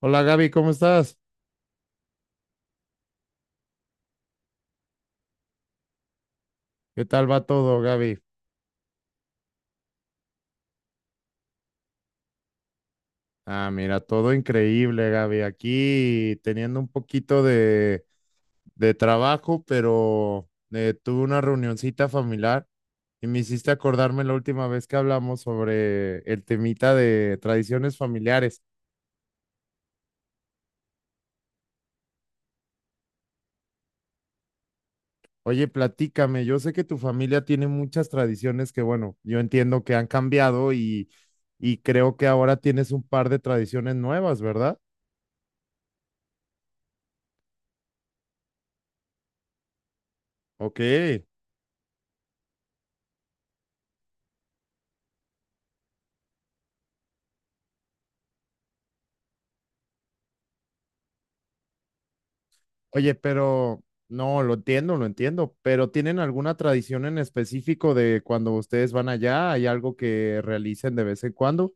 Hola Gaby, ¿cómo estás? ¿Qué tal va todo, Gaby? Ah, mira, todo increíble, Gaby. Aquí teniendo un poquito de trabajo, pero tuve una reunioncita familiar y me hiciste acordarme la última vez que hablamos sobre el temita de tradiciones familiares. Oye, platícame, yo sé que tu familia tiene muchas tradiciones que, bueno, yo entiendo que han cambiado y creo que ahora tienes un par de tradiciones nuevas, ¿verdad? Ok. Oye, pero no, lo entiendo, pero ¿tienen alguna tradición en específico de cuando ustedes van allá? ¿Hay algo que realicen de vez en cuando?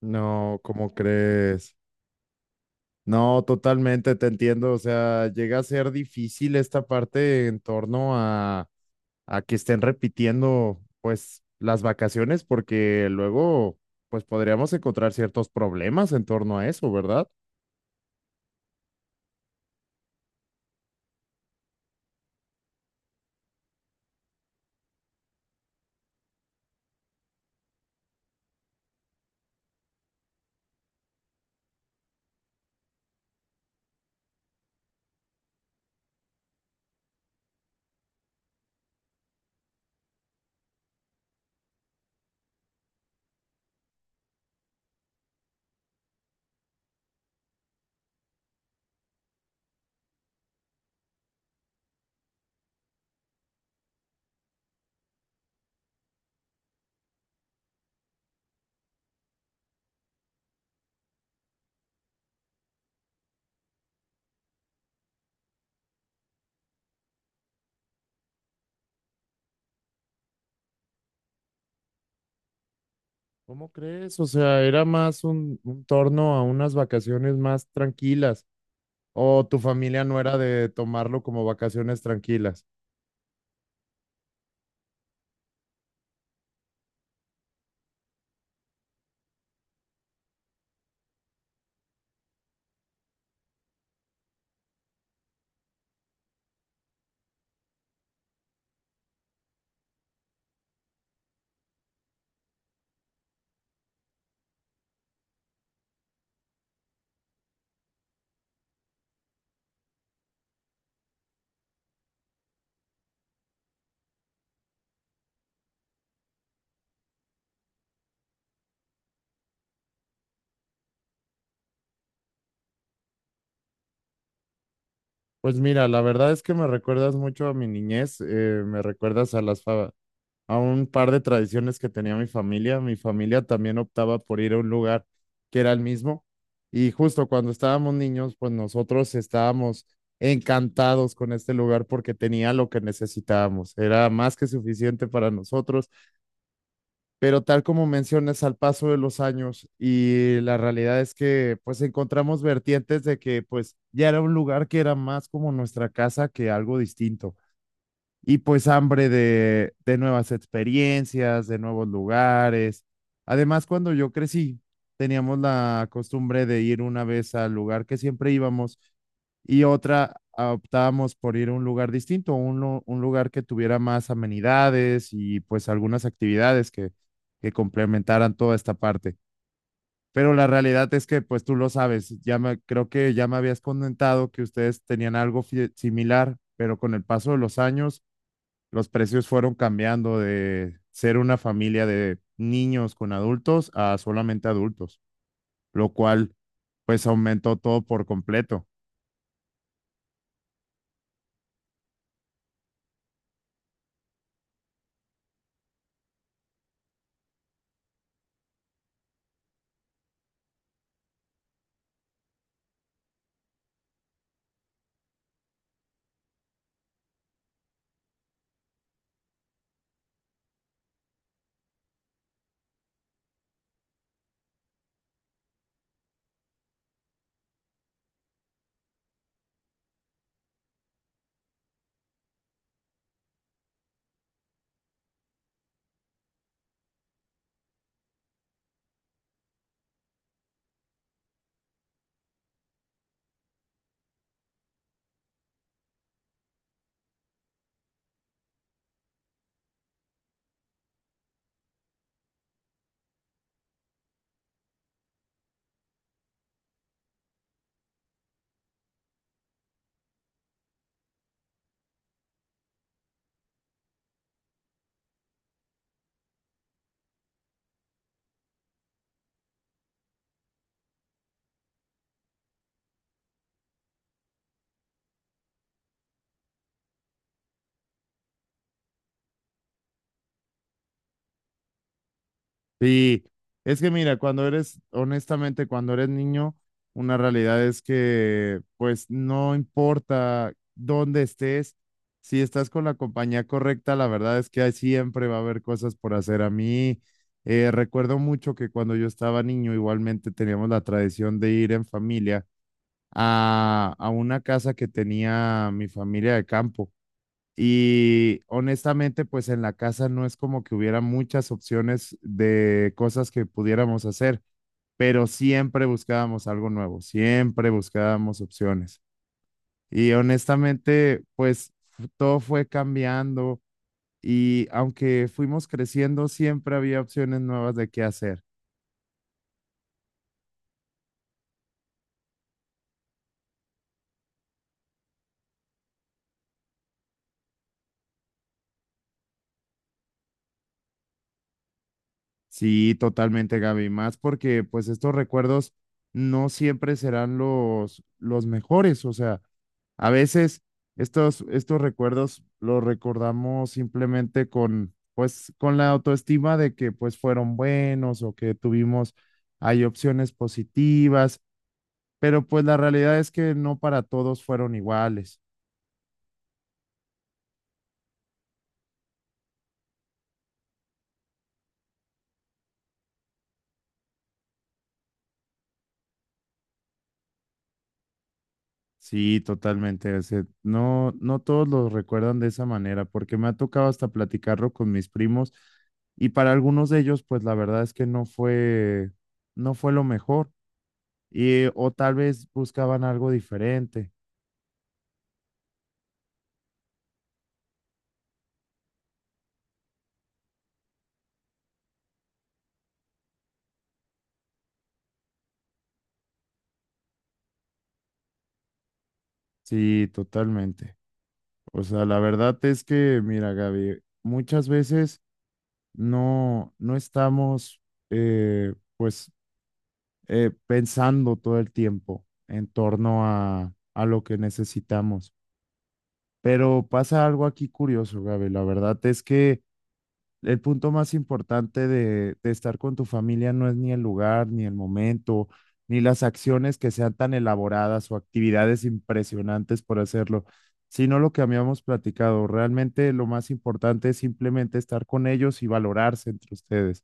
No, ¿cómo crees? No, totalmente te entiendo. O sea, llega a ser difícil esta parte en torno a que estén repitiendo, pues, las vacaciones, porque luego, pues, podríamos encontrar ciertos problemas en torno a eso, ¿verdad? ¿Cómo crees? O sea, era más un torno a unas vacaciones más tranquilas. O tu familia no era de tomarlo como vacaciones tranquilas. Pues mira, la verdad es que me recuerdas mucho a mi niñez, me recuerdas a las a un par de tradiciones que tenía mi familia. Mi familia también optaba por ir a un lugar que era el mismo. Y justo cuando estábamos niños, pues nosotros estábamos encantados con este lugar porque tenía lo que necesitábamos. Era más que suficiente para nosotros. Pero tal como mencionas, al paso de los años y la realidad es que pues encontramos vertientes de que pues ya era un lugar que era más como nuestra casa que algo distinto y pues hambre de nuevas experiencias, de nuevos lugares. Además, cuando yo crecí, teníamos la costumbre de ir una vez al lugar que siempre íbamos y otra ah, optábamos por ir a un lugar distinto, un lugar que tuviera más amenidades y pues algunas actividades que complementaran toda esta parte. Pero la realidad es que, pues tú lo sabes, ya me, creo que ya me habías comentado que ustedes tenían algo similar, pero con el paso de los años los precios fueron cambiando de ser una familia de niños con adultos a solamente adultos, lo cual pues aumentó todo por completo. Y es que mira, cuando eres, honestamente, cuando eres niño, una realidad es que pues no importa dónde estés, si estás con la compañía correcta, la verdad es que ahí siempre va a haber cosas por hacer. A mí recuerdo mucho que cuando yo estaba niño igualmente teníamos la tradición de ir en familia a una casa que tenía mi familia de campo. Y honestamente, pues en la casa no es como que hubiera muchas opciones de cosas que pudiéramos hacer, pero siempre buscábamos algo nuevo, siempre buscábamos opciones. Y honestamente, pues todo fue cambiando y aunque fuimos creciendo, siempre había opciones nuevas de qué hacer. Sí, totalmente, Gaby, más porque pues estos recuerdos no siempre serán los mejores, o sea, a veces estos, estos recuerdos los recordamos simplemente con, pues, con la autoestima de que pues fueron buenos o que tuvimos, hay opciones positivas, pero pues la realidad es que no para todos fueron iguales. Sí, totalmente. O sea, no, no todos lo recuerdan de esa manera, porque me ha tocado hasta platicarlo con mis primos y para algunos de ellos, pues la verdad es que no fue, no fue lo mejor y o tal vez buscaban algo diferente. Sí, totalmente. O sea, la verdad es que, mira, Gaby, muchas veces no, no estamos, pues, pensando todo el tiempo en torno a lo que necesitamos. Pero pasa algo aquí curioso, Gaby. La verdad es que el punto más importante de estar con tu familia no es ni el lugar, ni el momento, ni las acciones que sean tan elaboradas o actividades impresionantes por hacerlo, sino lo que habíamos platicado. Realmente lo más importante es simplemente estar con ellos y valorarse entre ustedes.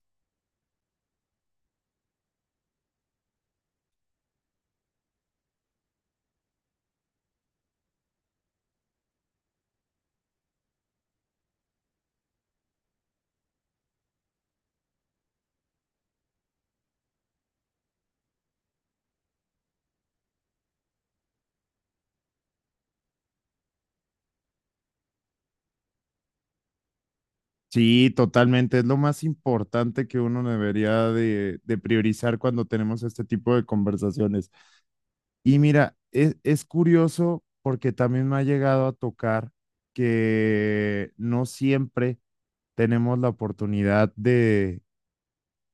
Sí, totalmente. Es lo más importante que uno debería de priorizar cuando tenemos este tipo de conversaciones. Y mira, es curioso porque también me ha llegado a tocar que no siempre tenemos la oportunidad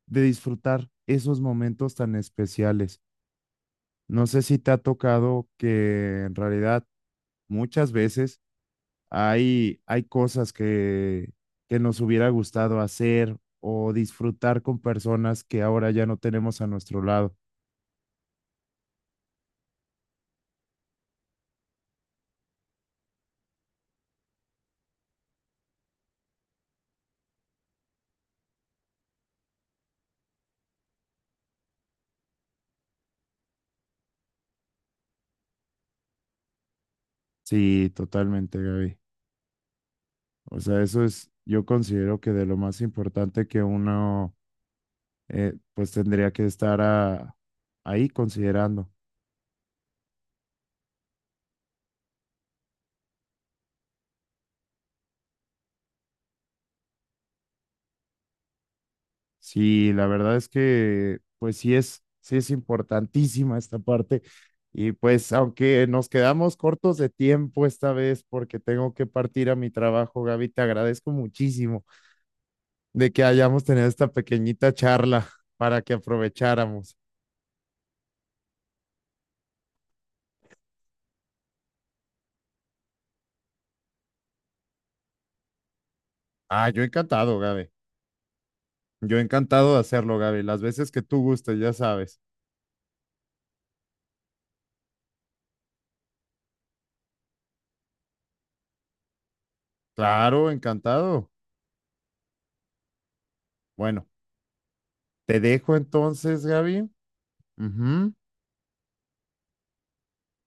de disfrutar esos momentos tan especiales. No sé si te ha tocado que en realidad muchas veces hay, hay cosas que nos hubiera gustado hacer o disfrutar con personas que ahora ya no tenemos a nuestro lado. Sí, totalmente, Gaby. O sea, eso es, yo considero que de lo más importante que uno, pues tendría que estar ahí considerando. Sí, la verdad es que, pues sí es importantísima esta parte. Y pues aunque nos quedamos cortos de tiempo esta vez porque tengo que partir a mi trabajo, Gaby, te agradezco muchísimo de que hayamos tenido esta pequeñita charla para que aprovecháramos. Ah, yo encantado, Gaby. Yo encantado de hacerlo, Gaby, las veces que tú gustes, ya sabes. Claro, encantado. Bueno, te dejo entonces, Gaby. Ujú.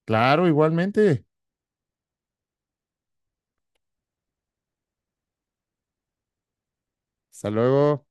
Claro, igualmente. Hasta luego.